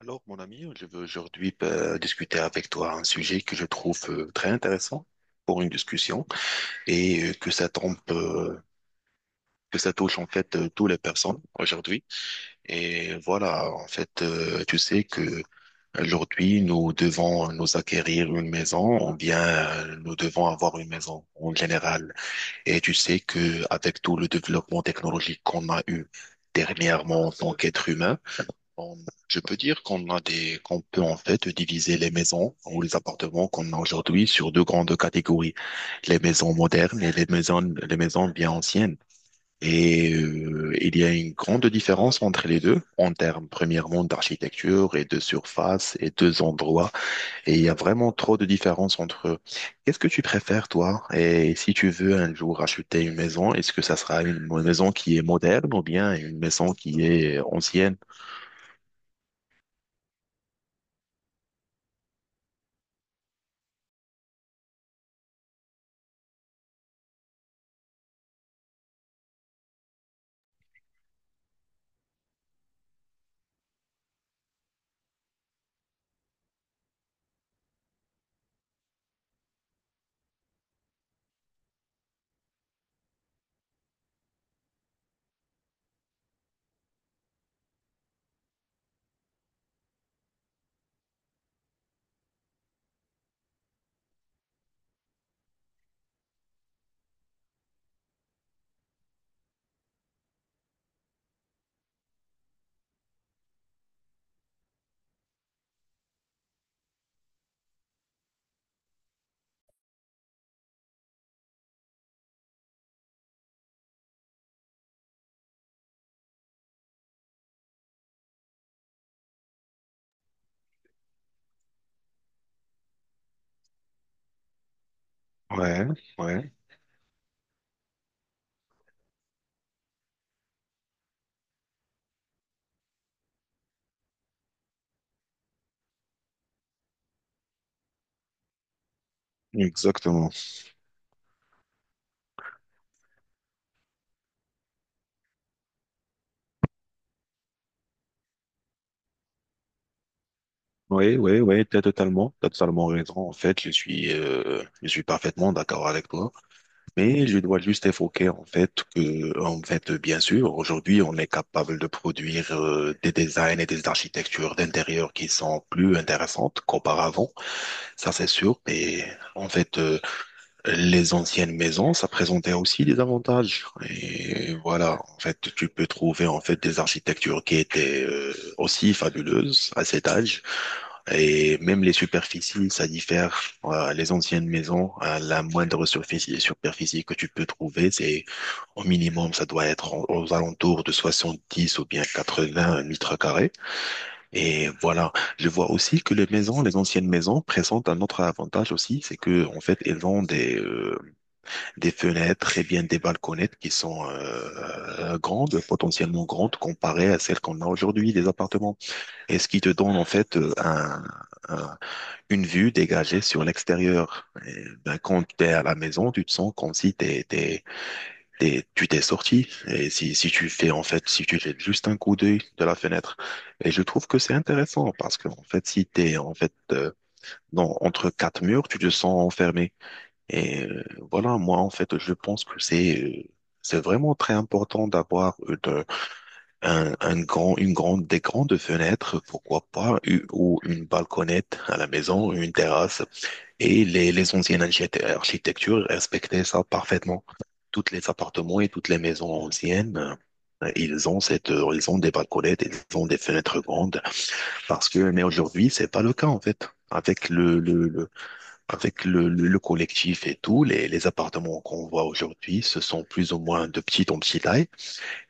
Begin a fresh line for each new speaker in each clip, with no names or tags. Alors, mon ami, je veux aujourd'hui discuter avec toi un sujet que je trouve très intéressant pour une discussion et que ça touche en fait toutes les personnes aujourd'hui. Et voilà, en fait, tu sais que aujourd'hui nous devons nous acquérir une maison ou bien nous devons avoir une maison en général. Et tu sais que avec tout le développement technologique qu'on a eu dernièrement en tant qu'être humain on- je peux dire qu'on a des, qu'on peut en fait diviser les maisons ou les appartements qu'on a aujourd'hui sur deux grandes catégories, les maisons modernes et les maisons bien anciennes. Et il y a une grande différence entre les deux en termes premièrement d'architecture et de surface et deux endroits. Et il y a vraiment trop de différence entre eux. Qu'est-ce que tu préfères, toi? Et si tu veux un jour acheter une maison, est-ce que ça sera une maison qui est moderne ou bien une maison qui est ancienne? Ouais, ouais. Exactement. Oui, oui, oui, t'as totalement raison. En fait, je suis parfaitement d'accord avec toi. Mais je dois juste évoquer, en fait, en fait, bien sûr, aujourd'hui, on est capable de produire, des designs et des architectures d'intérieur qui sont plus intéressantes qu'auparavant. Ça, c'est sûr. Mais, en fait, les anciennes maisons, ça présentait aussi des avantages. Et voilà. En fait, tu peux trouver des architectures qui étaient, aussi fabuleuses à cet âge. Et même les superficies, ça diffère. Les anciennes maisons, la moindre superficie que tu peux trouver, c'est au minimum, ça doit être aux alentours de 70 ou bien 80 mètres carrés. Et voilà, je vois aussi que les anciennes maisons présentent un autre avantage aussi, c'est que en fait, elles ont des fenêtres et bien des balconnettes qui sont grandes, potentiellement grandes, comparées à celles qu'on a aujourd'hui, des appartements. Et ce qui te donne en fait un une vue dégagée sur l'extérieur. Et, ben, quand tu es à la maison, tu te sens comme si tu t'es sorti. Et si, si tu fais, en fait, si tu jettes juste un coup d'œil de la fenêtre. Et je trouve que c'est intéressant parce que, en fait, si t'es, en fait, entre quatre murs, tu te sens enfermé. Et voilà, moi, en fait, je pense que c'est vraiment très important d'avoir de- un grand, une grande, des grandes fenêtres, pourquoi pas, ou une balconnette à la maison, une terrasse et les anciennes architectures respectaient ça parfaitement. Toutes les appartements et toutes les maisons anciennes, ils ont cette, ils ont des balconnettes, ils ont des fenêtres grandes. Parce que, mais aujourd'hui, c'est pas le cas, en fait. Avec le collectif et tout, les appartements qu'on voit aujourd'hui, ce sont plus ou moins de petite en petite taille.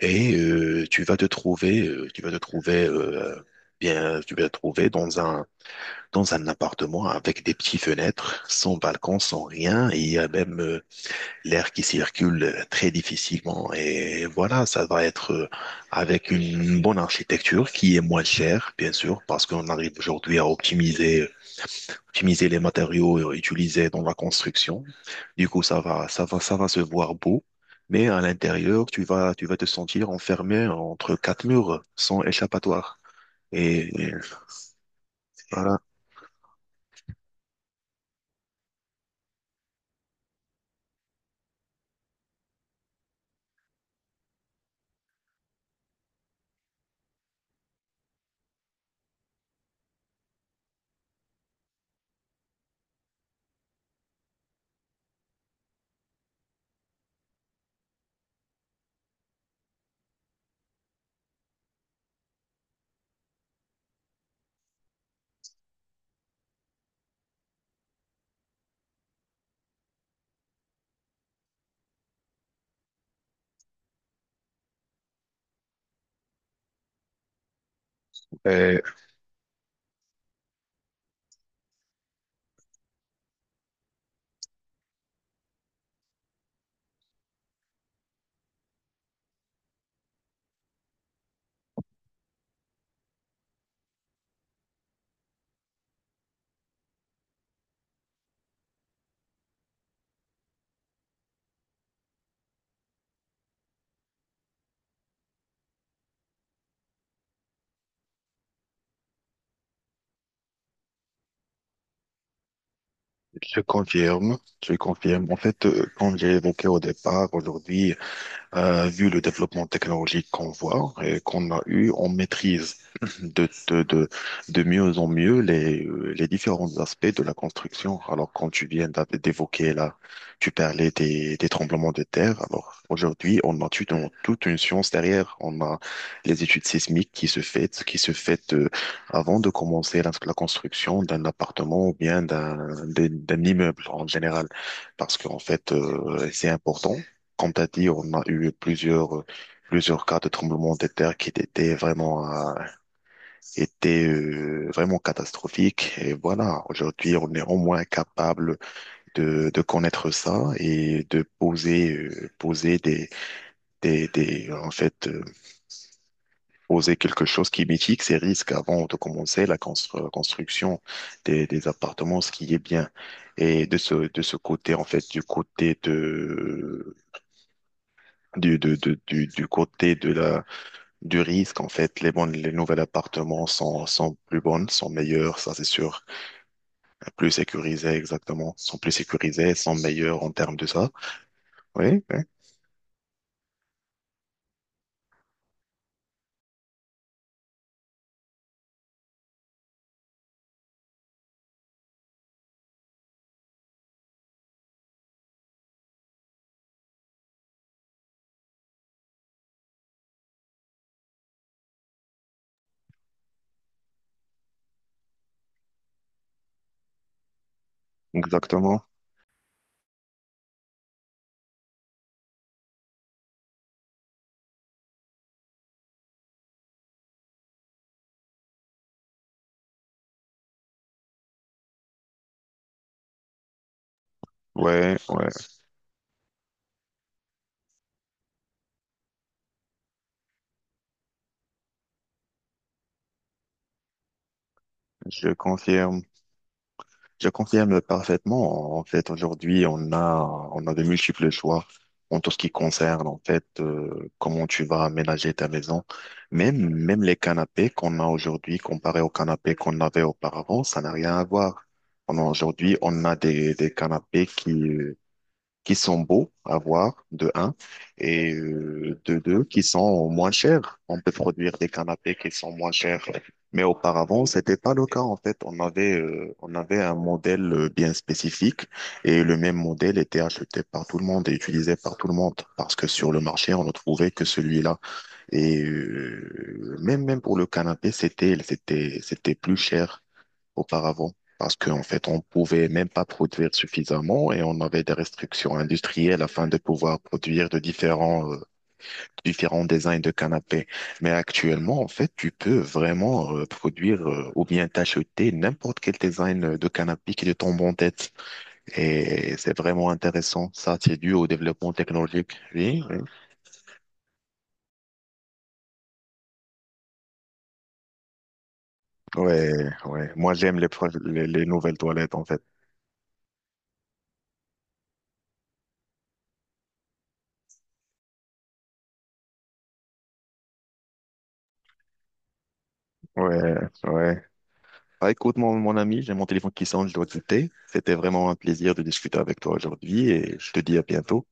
Et tu vas te trouver, tu vas te trouver, bien, tu vas te trouver dans un appartement avec des petites fenêtres, sans balcon, sans rien. Et il y a même l'air qui circule très difficilement. Et voilà, ça va être avec une bonne architecture qui est moins chère, bien sûr, parce qu'on arrive aujourd'hui à optimiser, optimiser les matériaux utilisés dans la construction. Du coup, ça va se voir beau. Mais à l'intérieur, tu vas te sentir enfermé entre quatre murs sans échappatoire. Et voilà. Je confirme, je confirme. En fait, comme j'ai évoqué au départ, aujourd'hui, vu le développement technologique qu'on voit et qu'on a eu, on maîtrise de, de, de, de mieux en mieux les différents aspects de la construction. Alors, quand tu viens d'évoquer là, tu parlais des tremblements de terre. Alors, aujourd'hui, on a toute une science derrière. On a les études sismiques qui se fait avant de commencer la, la construction d'un appartement ou bien d'un immeuble en général. Parce qu'en fait, c'est important comme t'as dit, on a eu plusieurs cas de tremblements de terre qui étaient vraiment catastrophiques. Et voilà, aujourd'hui, on est au moins capable de connaître ça et de poser, poser des, des, des, en fait, euh, poser quelque chose qui mitique ces risques avant de commencer la construction des appartements, ce qui est bien. Et de ce côté, en fait, du côté de la, du risque, en fait. Les nouveaux appartements sont plus bonnes, sont meilleurs, ça c'est sûr. Plus sécurisés, exactement. Sont plus sécurisés, sont meilleurs en termes de ça. Oui, oui, exactement. Ouais, ouais, je confirme. Je confirme parfaitement. En fait, aujourd'hui, on a de multiples choix en tout ce qui concerne, en fait, comment tu vas aménager ta maison. Même les canapés qu'on a aujourd'hui, comparés aux canapés qu'on avait auparavant, ça n'a rien à voir. Aujourd'hui, on a des canapés qui sont beaux à voir, de un, et de deux, qui sont moins chers. On peut produire des canapés qui sont moins chers. Mais auparavant, c'était pas le cas, en fait. On avait un modèle bien spécifique et le même modèle était acheté par tout le monde et utilisé par tout le monde parce que sur le marché, on ne trouvait que celui-là. Et même pour le canapé, c'était plus cher auparavant parce qu'en fait, on pouvait même pas produire suffisamment et on avait des restrictions industrielles afin de pouvoir produire de différents designs de canapés. Mais actuellement, en fait, tu peux vraiment produire ou bien t'acheter n'importe quel design de canapé qui te tombe en tête. Et c'est vraiment intéressant. Ça, c'est dû au développement technologique. Oui, oui. Ouais, ouais. Moi, j'aime les nouvelles toilettes, en fait. Ouais, ouais. Ah, écoute, mon ami, j'ai mon téléphone qui sonne, je dois quitter. C'était vraiment un plaisir de discuter avec toi aujourd'hui et je te dis à bientôt.